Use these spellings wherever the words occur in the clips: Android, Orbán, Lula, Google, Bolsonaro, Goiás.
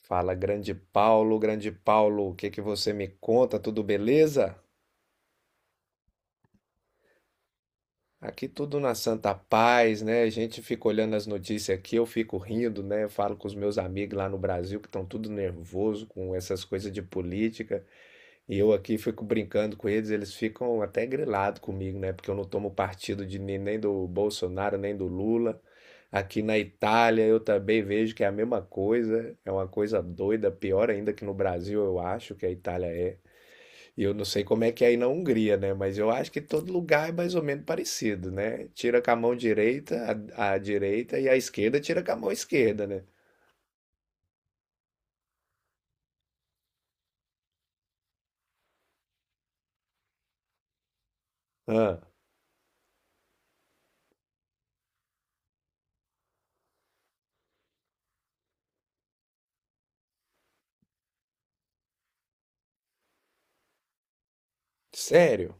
Fala, grande Paulo, o que que você me conta? Tudo beleza? Aqui tudo na santa paz, né? A gente fica olhando as notícias aqui, eu fico rindo, né? Eu falo com os meus amigos lá no Brasil que estão tudo nervoso com essas coisas de política, e eu aqui fico brincando com eles, eles ficam até grilados comigo, né? Porque eu não tomo partido de nem do Bolsonaro, nem do Lula. Aqui na Itália eu também vejo que é a mesma coisa, é uma coisa doida, pior ainda que no Brasil, eu acho que a Itália é. E eu não sei como é que é aí na Hungria, né? Mas eu acho que todo lugar é mais ou menos parecido, né? Tira com a mão direita, a direita e a esquerda tira com a mão esquerda, né? Ah, sério?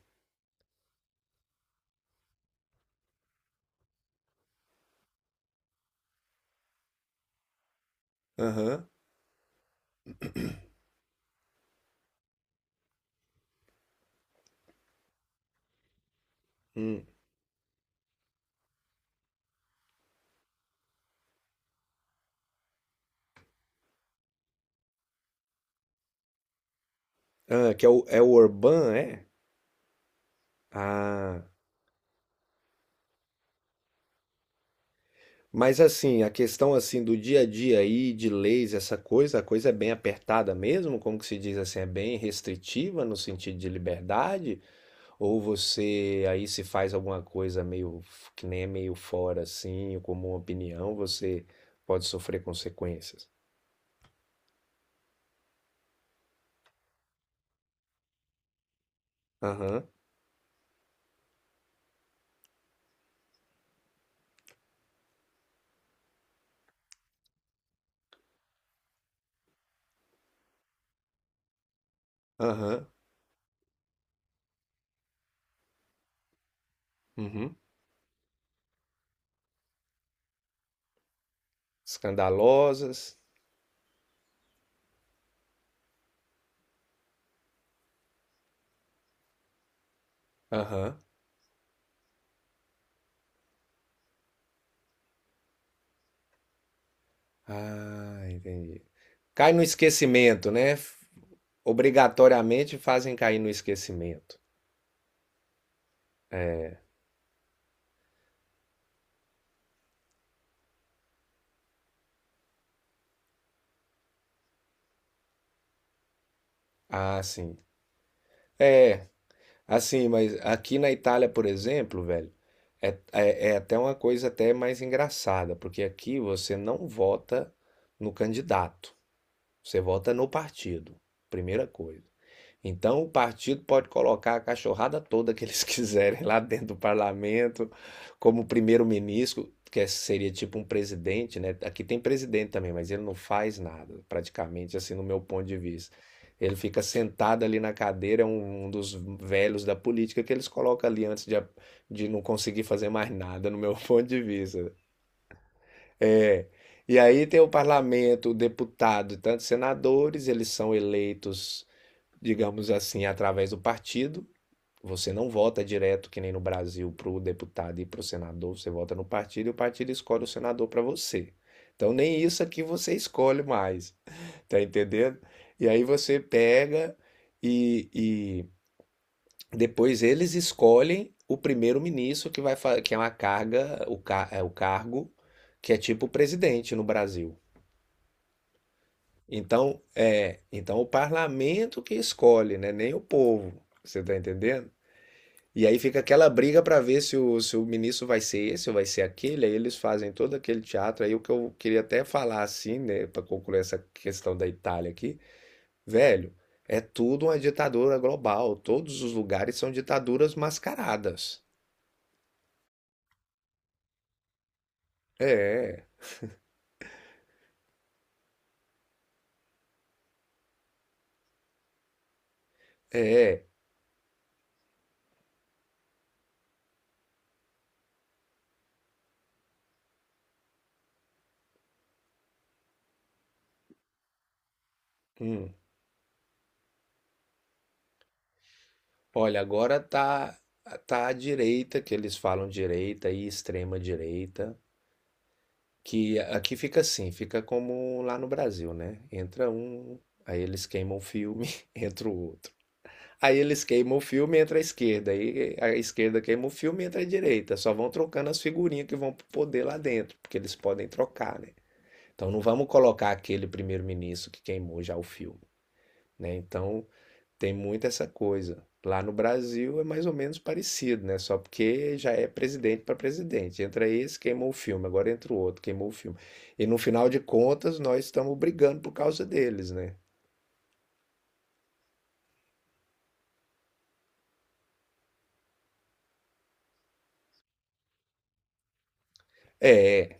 Aham. Hum. Ah, que é o, é o Orbán, é? Ah. Mas assim, a questão assim do dia a dia aí, de leis, essa coisa, a coisa é bem apertada mesmo, como que se diz assim, é bem restritiva no sentido de liberdade? Ou você aí se faz alguma coisa meio que nem é meio fora assim, ou como uma opinião, você pode sofrer consequências. Aham, aham, uhum. Escandalosas. Aham. Ah, entendi. Cai no esquecimento, né? Obrigatoriamente fazem cair no esquecimento. É, ah, sim. É, assim, mas aqui na Itália, por exemplo, velho, é até uma coisa até mais engraçada, porque aqui você não vota no candidato. Você vota no partido, primeira coisa. Então, o partido pode colocar a cachorrada toda que eles quiserem lá dentro do parlamento, como primeiro-ministro, que é, seria tipo um presidente, né? Aqui tem presidente também, mas ele não faz nada, praticamente, assim, no meu ponto de vista. Ele fica sentado ali na cadeira, é um dos velhos da política que eles colocam ali antes de, de não conseguir fazer mais nada, no meu ponto de vista. É. E aí tem o parlamento, o deputado e tantos senadores, eles são eleitos, digamos assim, através do partido. Você não vota direto, que nem no Brasil, para o deputado e para o senador, você vota no partido e o partido escolhe o senador para você. Então nem isso aqui você escolhe mais, tá entendendo? E aí você pega e depois eles escolhem o primeiro-ministro que que é uma carga, é o cargo que é tipo presidente no Brasil. Então, é, então o parlamento que escolhe, né? Nem o povo. Você tá entendendo? E aí fica aquela briga para ver se o ministro vai ser esse ou vai ser aquele. Aí eles fazem todo aquele teatro. Aí o que eu queria até falar assim, né, para concluir essa questão da Itália aqui, velho, é tudo uma ditadura global. Todos os lugares são ditaduras mascaradas. É, é. Hum. Olha, agora tá à direita, que eles falam direita e extrema direita. Que aqui fica assim, fica como lá no Brasil, né? Entra um, aí eles queimam o filme, entra o outro. Aí eles queimam o filme, entra a esquerda. Aí a esquerda queima o filme, entra a direita. Só vão trocando as figurinhas que vão poder lá dentro, porque eles podem trocar, né? Então não vamos colocar aquele primeiro-ministro que queimou já o filme, né? Então tem muito essa coisa. Lá no Brasil é mais ou menos parecido, né? Só porque já é presidente para presidente. Entra esse, queimou o filme, agora entra o outro, queimou o filme. E no final de contas, nós estamos brigando por causa deles, né? É,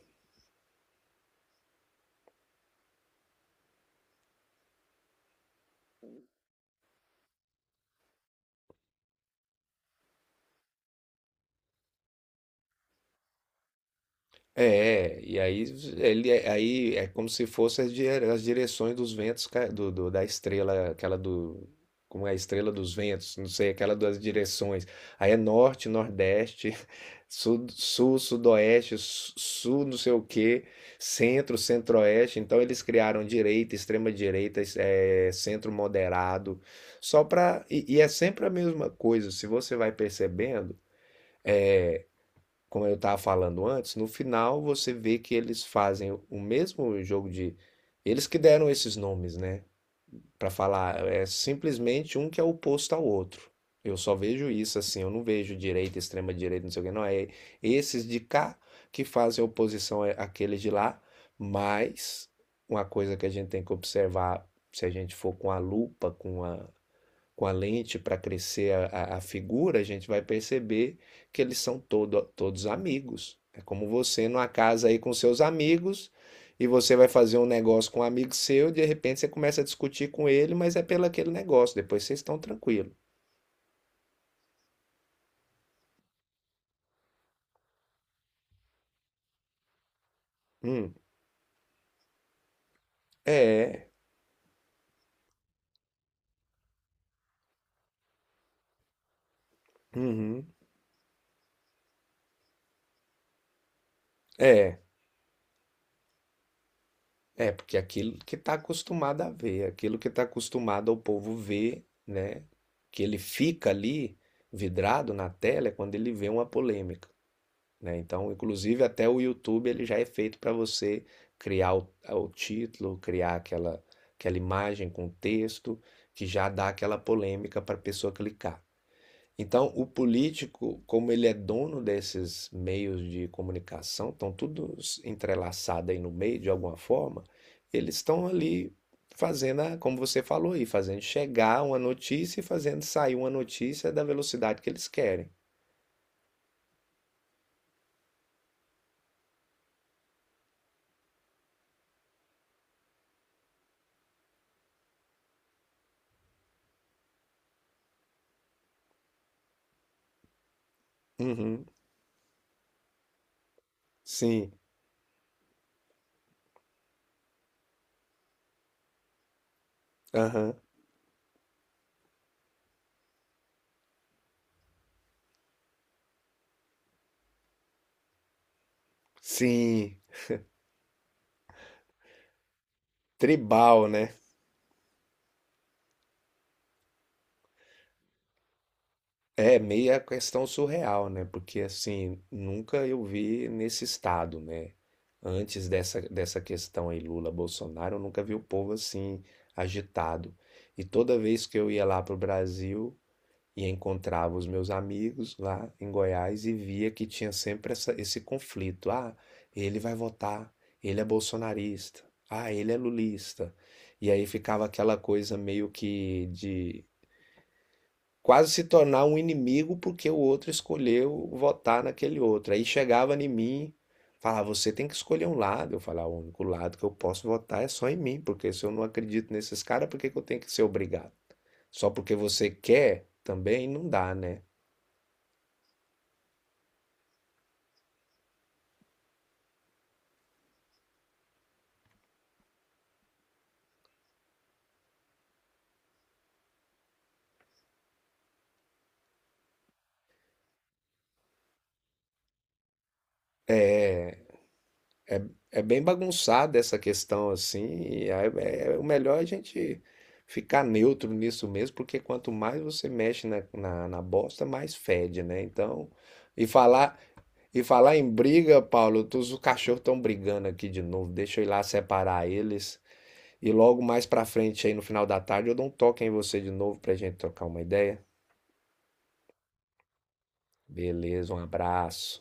é, e aí ele aí é como se fosse as direções dos ventos da estrela, aquela do como é a estrela dos ventos, não sei, aquela das direções. Aí é norte, nordeste, sul, sul, sudoeste, sul, não sei o quê, centro, centro-oeste. Então eles criaram direita, extrema direita, centro moderado, só para e é sempre a mesma coisa. Se você vai percebendo como eu estava falando antes, no final você vê que eles fazem o mesmo jogo de. Eles que deram esses nomes, né? Para falar, é simplesmente um que é oposto ao outro. Eu só vejo isso assim, eu não vejo direita, extrema direita, não sei o que, não. É esses de cá que fazem oposição àqueles de lá, mas uma coisa que a gente tem que observar, se a gente for com a lupa, com a lente para crescer a, a figura, a gente vai perceber que eles são todos amigos. É como você numa casa aí com seus amigos e você vai fazer um negócio com um amigo seu, e de repente você começa a discutir com ele, mas é pelo aquele negócio, depois vocês estão tranquilos. Hum, é, uhum, é, é, porque aquilo que está acostumado a ver, aquilo que está acostumado ao povo ver, né? Que ele fica ali vidrado na tela é quando ele vê uma polêmica. Né? Então, inclusive até o YouTube ele já é feito para você criar o título, criar aquela, aquela imagem com texto que já dá aquela polêmica para a pessoa clicar. Então, o político, como ele é dono desses meios de comunicação, estão todos entrelaçados aí no meio de alguma forma, eles estão ali fazendo, como você falou aí, fazendo chegar uma notícia e fazendo sair uma notícia da velocidade que eles querem. Uhum, sim, aham. Sim, tribal, né? É meia questão surreal, né? Porque assim, nunca eu vi nesse estado, né? Antes dessa questão aí Lula-Bolsonaro, eu nunca vi o povo assim agitado. E toda vez que eu ia lá pro Brasil e encontrava os meus amigos lá em Goiás e via que tinha sempre esse conflito. Ah, ele vai votar, ele é bolsonarista, ah, ele é lulista. E aí ficava aquela coisa meio que de quase se tornar um inimigo porque o outro escolheu votar naquele outro. Aí chegava em mim, falava, você tem que escolher um lado. Eu falava, o único lado que eu posso votar é só em mim, porque se eu não acredito nesses caras, por que que eu tenho que ser obrigado? Só porque você quer também não dá, né? É bem bagunçada essa questão assim, e aí é, é o melhor é a gente ficar neutro nisso mesmo, porque quanto mais você mexe na bosta, mais fede, né? Então, e falar, e falar em briga, Paulo, os cachorros estão brigando aqui de novo. Deixa eu ir lá separar eles. E logo mais pra frente, aí no final da tarde, eu dou um toque em você de novo pra gente trocar uma ideia. Beleza, um abraço.